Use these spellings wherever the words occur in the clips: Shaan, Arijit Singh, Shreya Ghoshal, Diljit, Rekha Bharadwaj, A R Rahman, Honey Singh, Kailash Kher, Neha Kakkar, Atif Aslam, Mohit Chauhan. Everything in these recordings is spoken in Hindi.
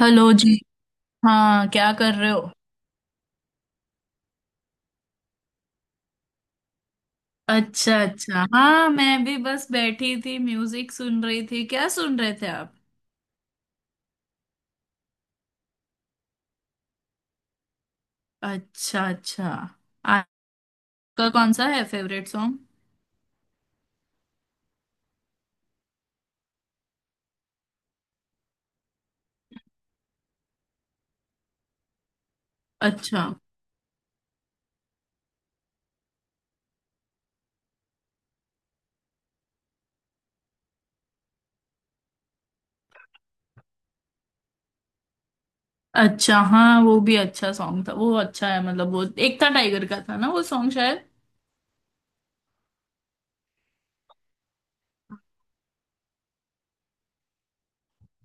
हेलो जी। हाँ, क्या कर रहे हो? अच्छा अच्छा, हाँ मैं भी बस बैठी थी, म्यूजिक सुन रही थी। क्या सुन रहे थे आप? अच्छा अच्छा। आपका कौन सा है फेवरेट सॉन्ग? अच्छा अच्छा, हाँ वो भी अच्छा सॉन्ग था, वो अच्छा है। मतलब वो एकता टाइगर का था ना वो सॉन्ग शायद।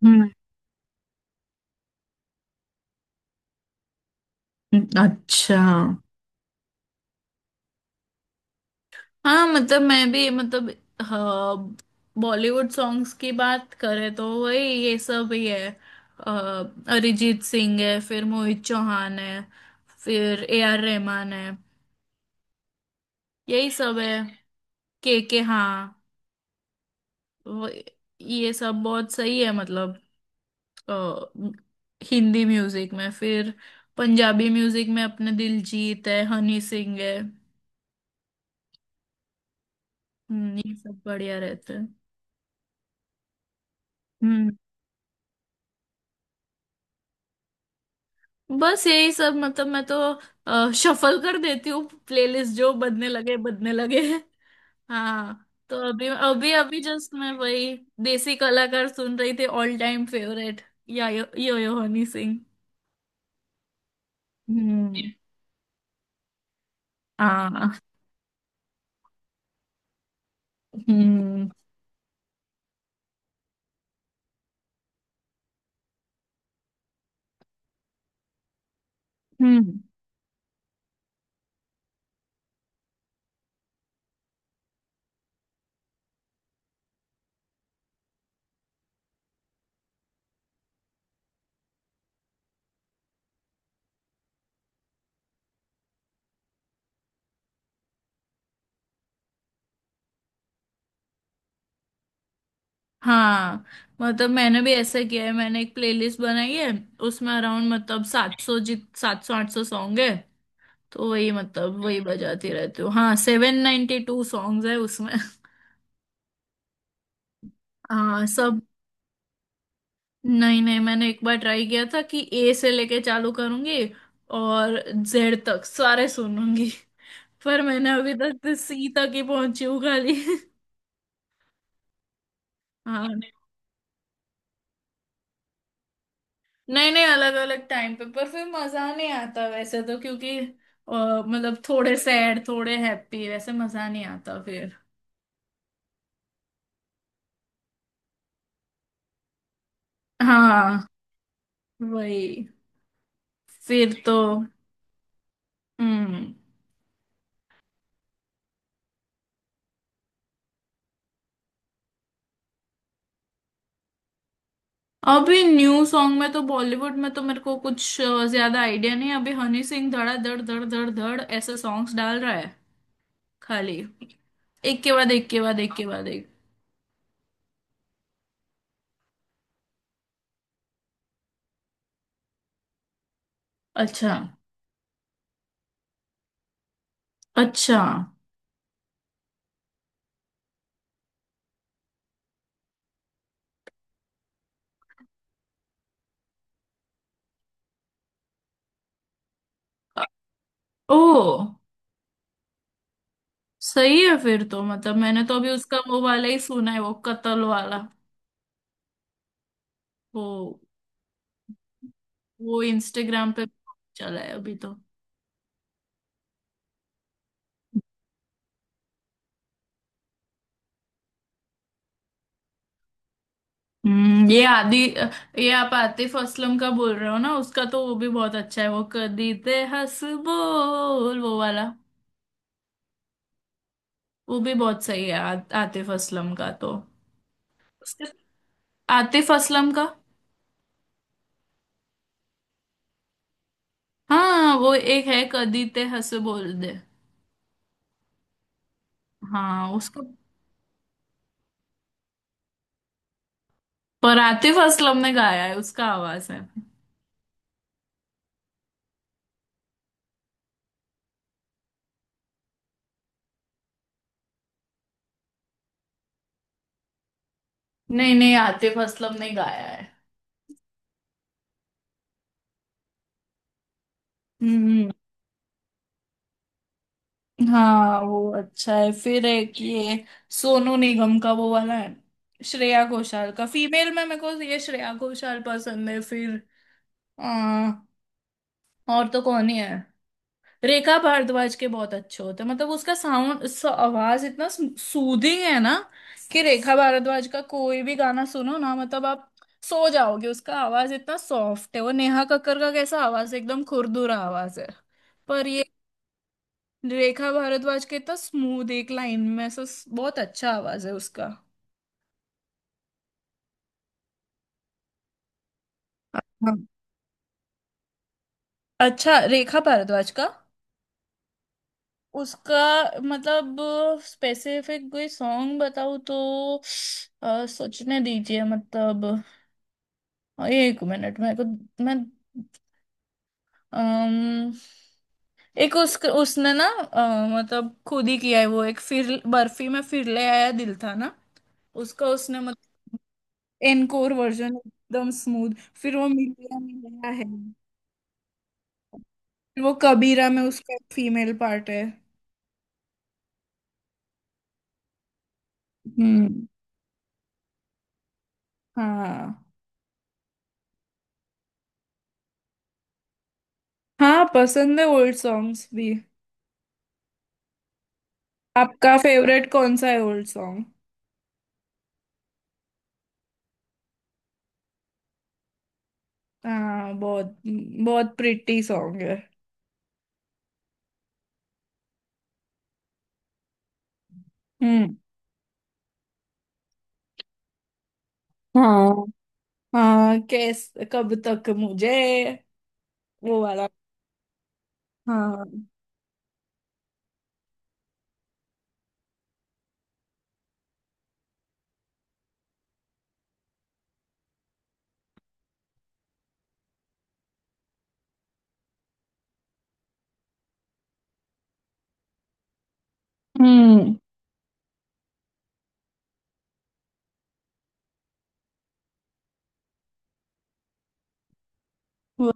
हम्म। अच्छा हाँ, मतलब मैं भी मतलब हाँ, बॉलीवुड सॉन्ग्स की बात करें तो वही ये सब ही है। अरिजीत सिंह है, फिर मोहित चौहान है, फिर ए आर रहमान है, यही सब है। के हाँ। वो- ये सब बहुत सही है मतलब। अ, हिंदी म्यूजिक में, फिर पंजाबी म्यूजिक में अपने दिलजीत है, हनी सिंह है। ये सब बढ़िया रहते हैं। हम्म, बस यही सब मतलब, मैं तो शफल कर देती हूँ प्लेलिस्ट, जो बदने लगे बदने लगे। हाँ, तो अभी अभी अभी जस्ट मैं वही देसी कलाकार सुन रही थी, ऑल टाइम फेवरेट, या यो, यो हनी सिंह। हम्म। हाँ। हम्म हम्म। हाँ मतलब मैंने भी ऐसा किया है, मैंने एक प्लेलिस्ट बनाई है। उसमें अराउंड मतलब 700 800 सॉन्ग है। तो वही मतलब वही बजाती रहती हूँ। हाँ, 792 सॉन्ग्स है उसमें। हाँ सब। नहीं नहीं, मैंने एक बार ट्राई किया था कि ए से लेके चालू करूंगी और जेड तक सारे सुनूंगी। पर मैंने अभी तक सी तक ही पहुंची हूँ खाली। हाँ। नहीं नहीं, अलग अलग टाइम पे पर फिर मजा नहीं आता वैसे तो, क्योंकि मतलब थोड़े सैड थोड़े हैप्पी, वैसे मजा नहीं आता फिर। हाँ वही। फिर तो। हम्म। अभी न्यू सॉन्ग में तो बॉलीवुड में तो मेरे को कुछ ज्यादा आइडिया नहीं है। अभी हनी सिंह धड़ा धड़ धड़ धड़ धड़ ऐसे सॉन्ग्स डाल रहा है खाली, एक के बाद एक के बाद एक के बाद एक। अच्छा अच्छा। अ- ओ, सही है फिर तो। मतलब मैंने तो अभी उसका वो वाला ही सुना है, वो कत्ल वाला वो वो इंस्टाग्राम पे चला है अभी तो। हम्म, ये आदि, ये आप आतिफ असलम का बोल रहे हो ना? उसका तो वो भी बहुत अच्छा है, वो कदी ते हंस बोल वो वाला। वो भी बहुत सही है। आतिफ असलम का तो उसके आतिफ असलम का। हाँ वो एक है कदी ते हंस बोल दे। हाँ उसका, पर आतिफ असलम ने गाया है, उसका आवाज है। नहीं नहीं, आतिफ असलम ने गाया है। हम्म। हाँ वो अच्छा है, फिर एक ये सोनू निगम का वो वाला है। श्रेया घोषाल का, फीमेल में मेरे को ये श्रेया घोषाल पसंद है, फिर आ, और तो कौन ही है। रेखा भारद्वाज के बहुत अच्छे होते हैं, मतलब उसका साउंड, आवाज इतना सूदिंग है ना, कि रेखा भारद्वाज का कोई भी गाना सुनो ना, मतलब आप सो जाओगे। उसका आवाज इतना सॉफ्ट है। वो नेहा कक्कर का कैसा आवाज है, एकदम खुरदुरा आवाज है, पर ये रेखा भारद्वाज के इतना स्मूथ, एक लाइन में ऐसा बहुत अच्छा आवाज है उसका। हाँ। अच्छा, रेखा भारद्वाज का उसका मतलब स्पेसिफिक कोई सॉन्ग बताऊँ तो सोचने दीजिए मतलब। और ये एक मिनट, मेरे को मैं अम, एक उस उसने ना, मतलब खुद ही किया है वो एक, फिर बर्फी में फिर ले आया दिल था ना, उसका उसने मतलब एनकोर वर्जन एकदम स्मूथ। फिर वो मिलिया मिलिया है। फिर वो कबीरा में उसका एक फीमेल पार्ट है। हम्म। हाँ, हाँ पसंद है ओल्ड सॉन्ग्स भी। आपका फेवरेट कौन सा है ओल्ड सॉन्ग? हाँ बहुत बहुत प्रिटी सॉन्ग है। हम्म। हाँ हाँ, कैस कब तक मुझे वो वाला। हाँ। हम्म। वो-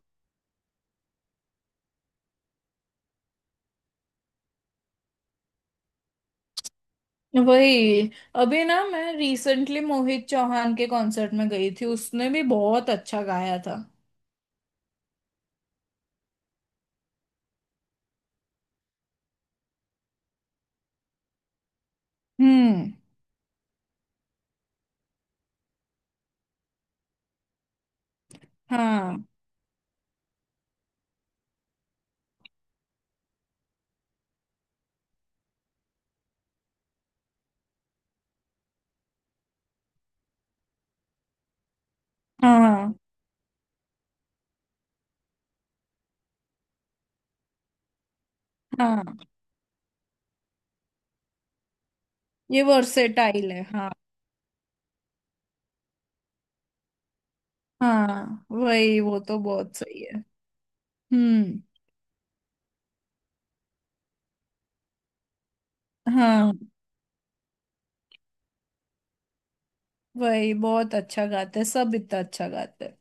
वही। अभी ना मैं रिसेंटली मोहित चौहान के कॉन्सर्ट में गई थी, उसने भी बहुत अच्छा गाया था। हम्म। हाँ हाँ हाँ। ये वर्सेटाइल है, हाँ। हाँ वही, वो तो बहुत सही है। हम्म। हाँ वही बहुत अच्छा गाते हैं, सब इतना अच्छा गाते हैं।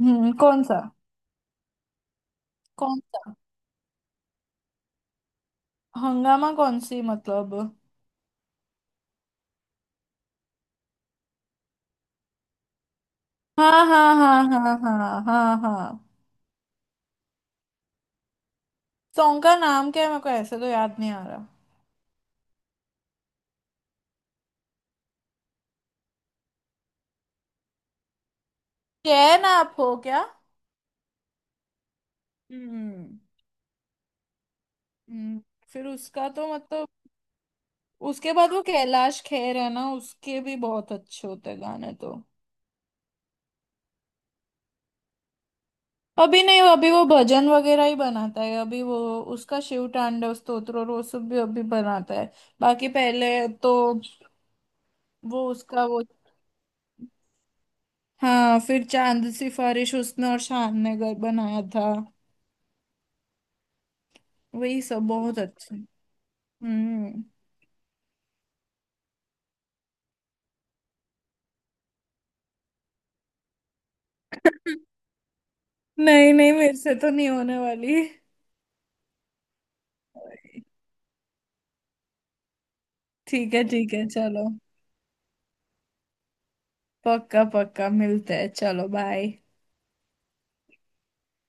हम्म। कौन सा? कौन सा? हंगामा कौन सी मतलब? हाँ हाँ हाँ हाँ हाँ हाँ हाँ। सॉन्ग का नाम क्या है, मेरे को ऐसे तो याद नहीं आ रहा। चैन आप हो क्या। हम्म। हम्म, फिर उसका तो मतलब उसके बाद वो कैलाश खेर है ना, उसके भी बहुत अच्छे होते हैं गाने तो। अभी नहीं, अभी वो भजन वगैरह ही बनाता है अभी वो। उसका शिव तांडव स्तोत्र और वो सब भी अभी बनाता है, बाकी पहले तो। वो उसका वो, हाँ, फिर चांद सिफारिश उसने और शान ने घर बनाया था। वही सब बहुत अच्छा। हम्म। नहीं नहीं, मेरे से तो नहीं होने वाली। ठीक है ठीक है, चलो। पक्का पक्का, मिलते हैं, चलो बाय।